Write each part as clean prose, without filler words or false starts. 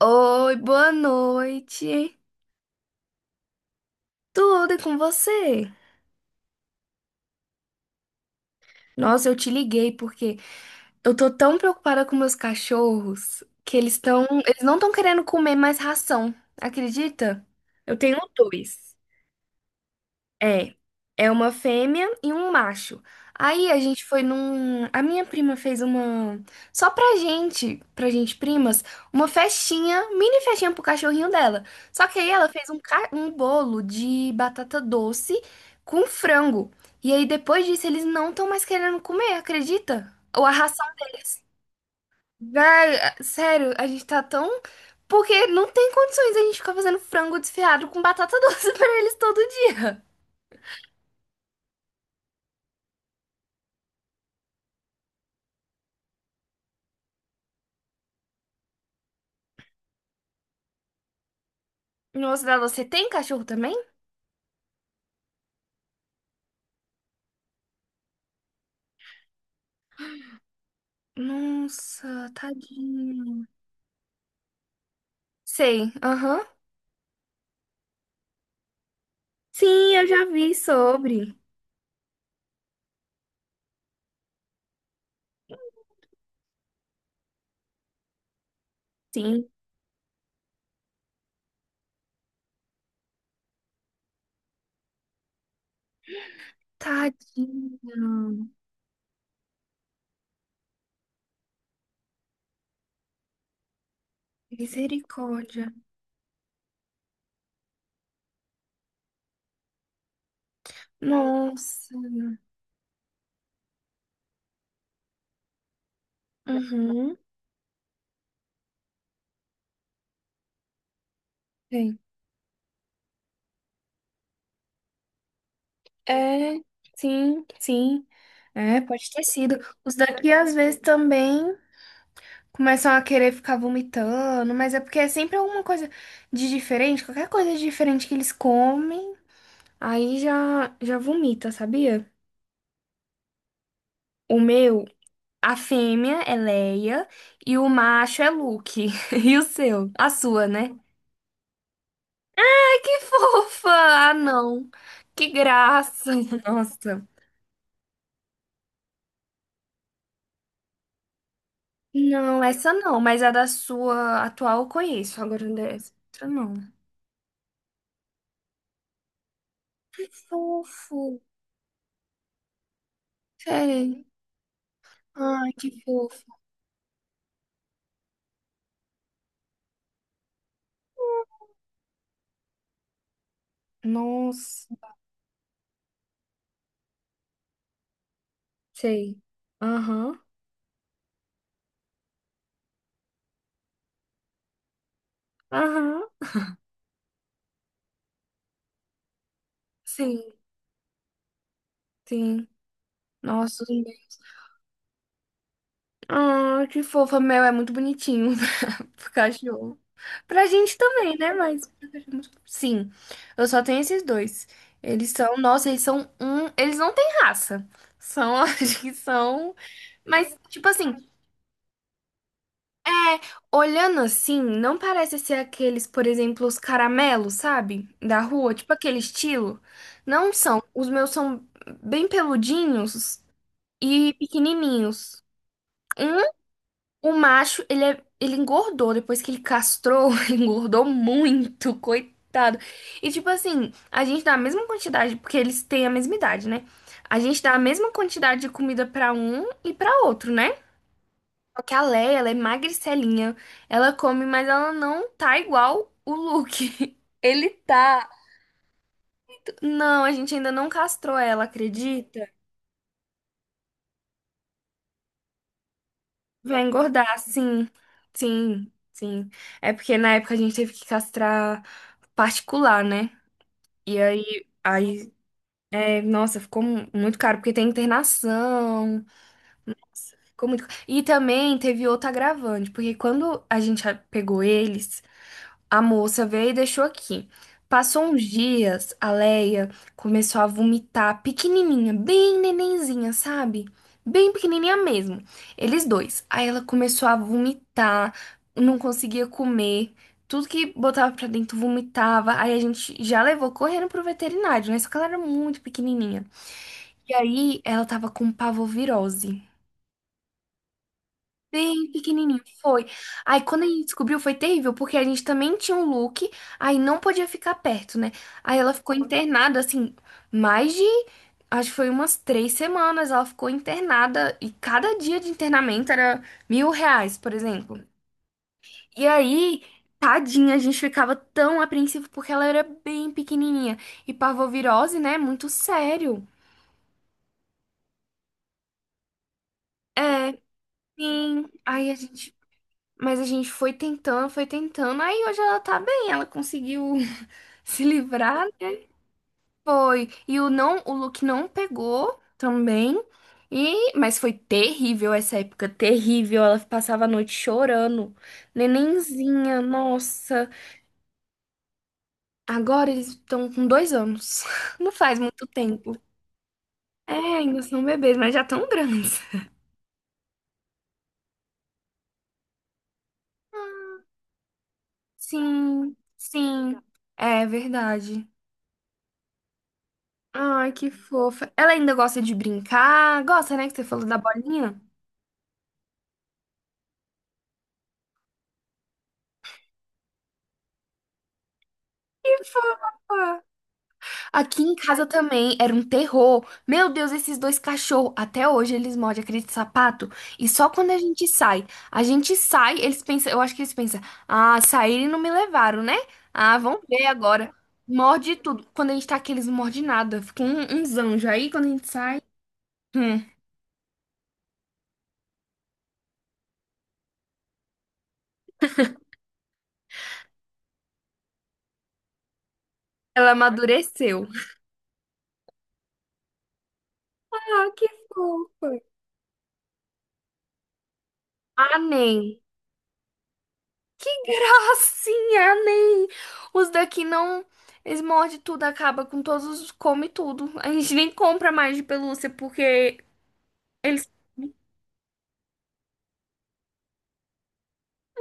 Oi, boa noite. Tudo e com você? Nossa, eu te liguei porque eu tô tão preocupada com meus cachorros que eles não estão querendo comer mais ração. Acredita? Eu tenho dois. É, é uma fêmea e um macho. Aí a gente foi num. A minha prima fez uma. Só pra gente primas, uma festinha, mini festinha pro cachorrinho dela. Só que aí ela fez um bolo de batata doce com frango. E aí depois disso eles não estão mais querendo comer, acredita? Ou a ração deles. Véi, sério, a gente tá tão. Porque não tem condições a gente ficar fazendo frango desfiado com batata doce pra eles todo dia. Nossa, Dada, você tem cachorro também? Nossa, tadinho. Sei, aham. Sim, eu já vi sobre. Sim. Tadinho. Misericórdia. Nossa. Uhum. Sei. É, sim, sim. É, pode ter sido. Os daqui às vezes também começam a querer ficar vomitando, mas é porque é sempre alguma coisa de diferente, qualquer coisa de diferente que eles comem, aí já já vomita, sabia? O meu. A fêmea é Leia e o macho é Luke. E o seu? A sua, né? Ai, que fofa! Ah, não. Que graça! Nossa. Não, essa não, mas a da sua atual eu conheço. Agora dessa outra não. Fofo. Sei. Ai, que fofo. Nossa. Sei. Aham. Aham. Sim, sim. Nossa, os meus. Ah, que fofa. Meu é muito bonitinho. Pro cachorro. Pra gente também, né? Mas pro cachorro. Sim, eu só tenho esses dois. Eles são, nossa, eles são um. Eles não têm raça. São, acho que são. Mas, tipo assim, é, olhando assim, não parece ser aqueles, por exemplo, os caramelos, sabe? Da rua, tipo aquele estilo. Não são. Os meus são bem peludinhos e pequenininhos. Um. O macho, ele engordou depois que ele castrou, ele engordou muito, coitado. E tipo assim, a gente dá a mesma quantidade, porque eles têm a mesma idade, né? A gente dá a mesma quantidade de comida pra um e pra outro, né? Só que a Leia, ela é magricelinha, ela come, mas ela não tá igual o Luke. Ele tá. Não, a gente ainda não castrou ela, acredita? Vai engordar, sim. Sim, sim. É porque na época a gente teve que castrar particular, né? E aí, é, nossa, ficou muito caro, porque tem internação, ficou muito... E também teve outro agravante, porque quando a gente pegou eles, a moça veio e deixou aqui. Passou uns dias, a Leia começou a vomitar pequenininha, bem nenenzinha, sabe? Bem pequenininha mesmo. Eles dois. Aí ela começou a vomitar, não conseguia comer. Tudo que botava pra dentro vomitava. Aí a gente já levou correndo pro veterinário, né? Só que ela era muito pequenininha. E aí ela tava com parvovirose. Bem pequenininho, foi. Aí quando a gente descobriu foi terrível, porque a gente também tinha um look, aí não podia ficar perto, né? Aí ela ficou internada, assim, mais de, acho que foi umas 3 semanas, ela ficou internada, e cada dia de internamento era R$ 1.000, por exemplo. E aí, tadinha, a gente ficava tão apreensivo, porque ela era bem pequenininha. E parvovirose, né, muito sério. É, sim. Aí a gente. Mas a gente foi tentando, foi tentando. Aí hoje ela tá bem, ela conseguiu se livrar, né? Foi. E o não, o look não pegou também. E, mas foi terrível essa época, terrível. Ela passava a noite chorando. Nenenzinha, nossa. Agora eles estão com 2 anos. Não faz muito tempo. É, ainda são bebês, mas já tão grandes. Sim, sim. É verdade. Ai, que fofa. Ela ainda gosta de brincar? Gosta, né? Que você falou da bolinha? Que fofa! Aqui em casa também era um terror. Meu Deus, esses dois cachorros. Até hoje eles mordem aquele sapato. E só quando a gente sai. A gente sai, eles pensam. Eu acho que eles pensam. Ah, saíram e não me levaram, né? Ah, vão ver agora. Morde tudo. Quando a gente tá aqui, eles não mordem nada. Fica um, uns anjos aí quando a gente sai. Hum, ela amadureceu. Ah, que fofa. Ah, nem. Gracinha, nem. Os daqui não. Eles mordem tudo, acaba com todos os. Come tudo. A gente nem compra mais de pelúcia porque eles.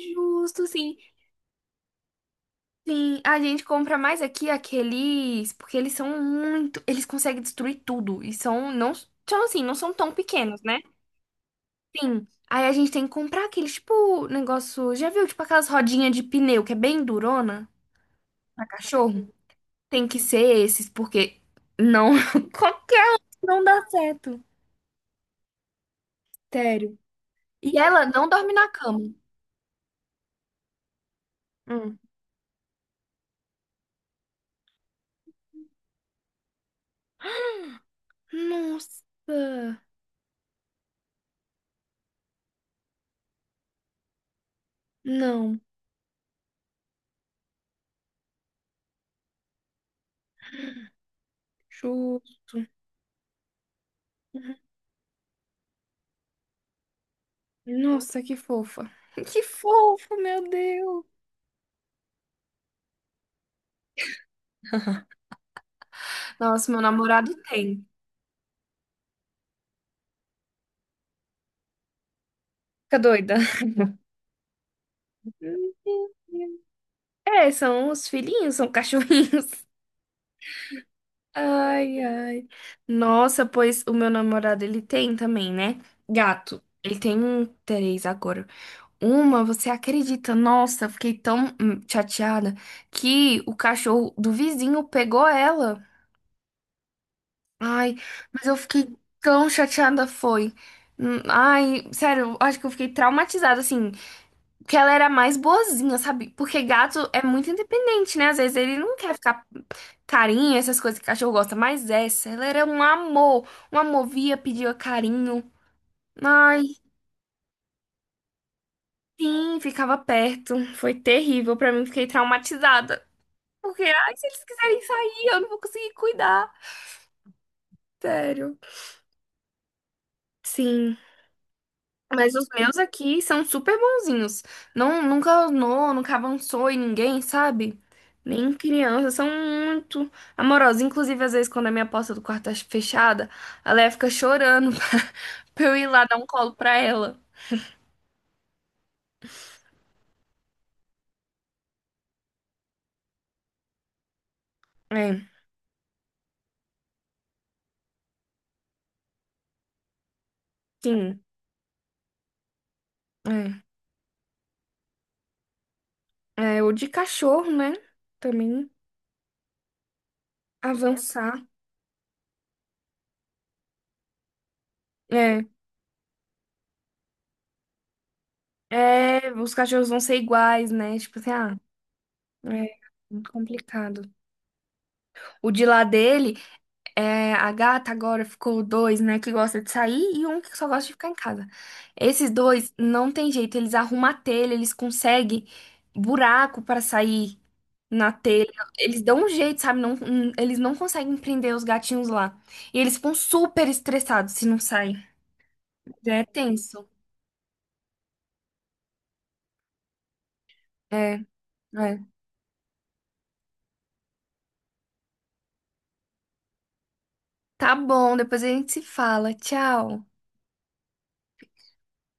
Justo, sim. Sim, a gente compra mais aqui aqueles. Porque eles são muito. Eles conseguem destruir tudo. E são. Não, são assim, não são tão pequenos, né? Sim. Aí a gente tem que comprar aqueles, tipo, negócio. Já viu? Tipo aquelas rodinhas de pneu que é bem durona pra cachorro? Tem que ser esses, porque não. Compra. Não dá certo. Sério. E ela não dorme na cama. Hum. Nossa. Não. Justo. Uhum. Nossa, que fofa. Que fofo, meu Deus. Nossa, meu namorado tem. Fica doida. É, são os filhinhos, são cachorrinhos. Ai, ai. Nossa, pois o meu namorado, ele tem também, né? Gato. Ele tem um três agora. Uma, você acredita? Nossa, eu fiquei tão chateada que o cachorro do vizinho pegou ela. Ai, mas eu fiquei tão chateada, foi. Ai, sério, eu acho que eu fiquei traumatizada, assim, porque ela era mais boazinha, sabe? Porque gato é muito independente, né? Às vezes ele não quer ficar carinho, essas coisas que cachorro gosta, mas essa, ela era um amor, via, pedia carinho. Ai, sim, ficava perto. Foi terrível pra mim, fiquei traumatizada. Porque, ai, se eles quiserem sair, eu não vou conseguir cuidar. Sério. Sim. Mas os meus aqui são super bonzinhos. Não, nunca anou, nunca avançou em ninguém, sabe? Nem criança, são muito amorosos. Inclusive, às vezes, quando a minha porta do quarto tá fechada, a Leia fica chorando pra eu ir lá dar um colo pra ela. É, sim. É, é o de cachorro, né? Também avançar. É, é, os cachorros vão ser iguais, né? Tipo assim, ah. É muito complicado. O de lá dele, é, a gata agora ficou dois, né, que gosta de sair e um que só gosta de ficar em casa. Esses dois não tem jeito, eles arrumam a telha, eles conseguem buraco para sair na telha. Eles dão um jeito, sabe? Não, eles não conseguem prender os gatinhos lá. E eles ficam super estressados se não saem. É tenso. É, é. Tá bom, depois a gente se fala. Tchau.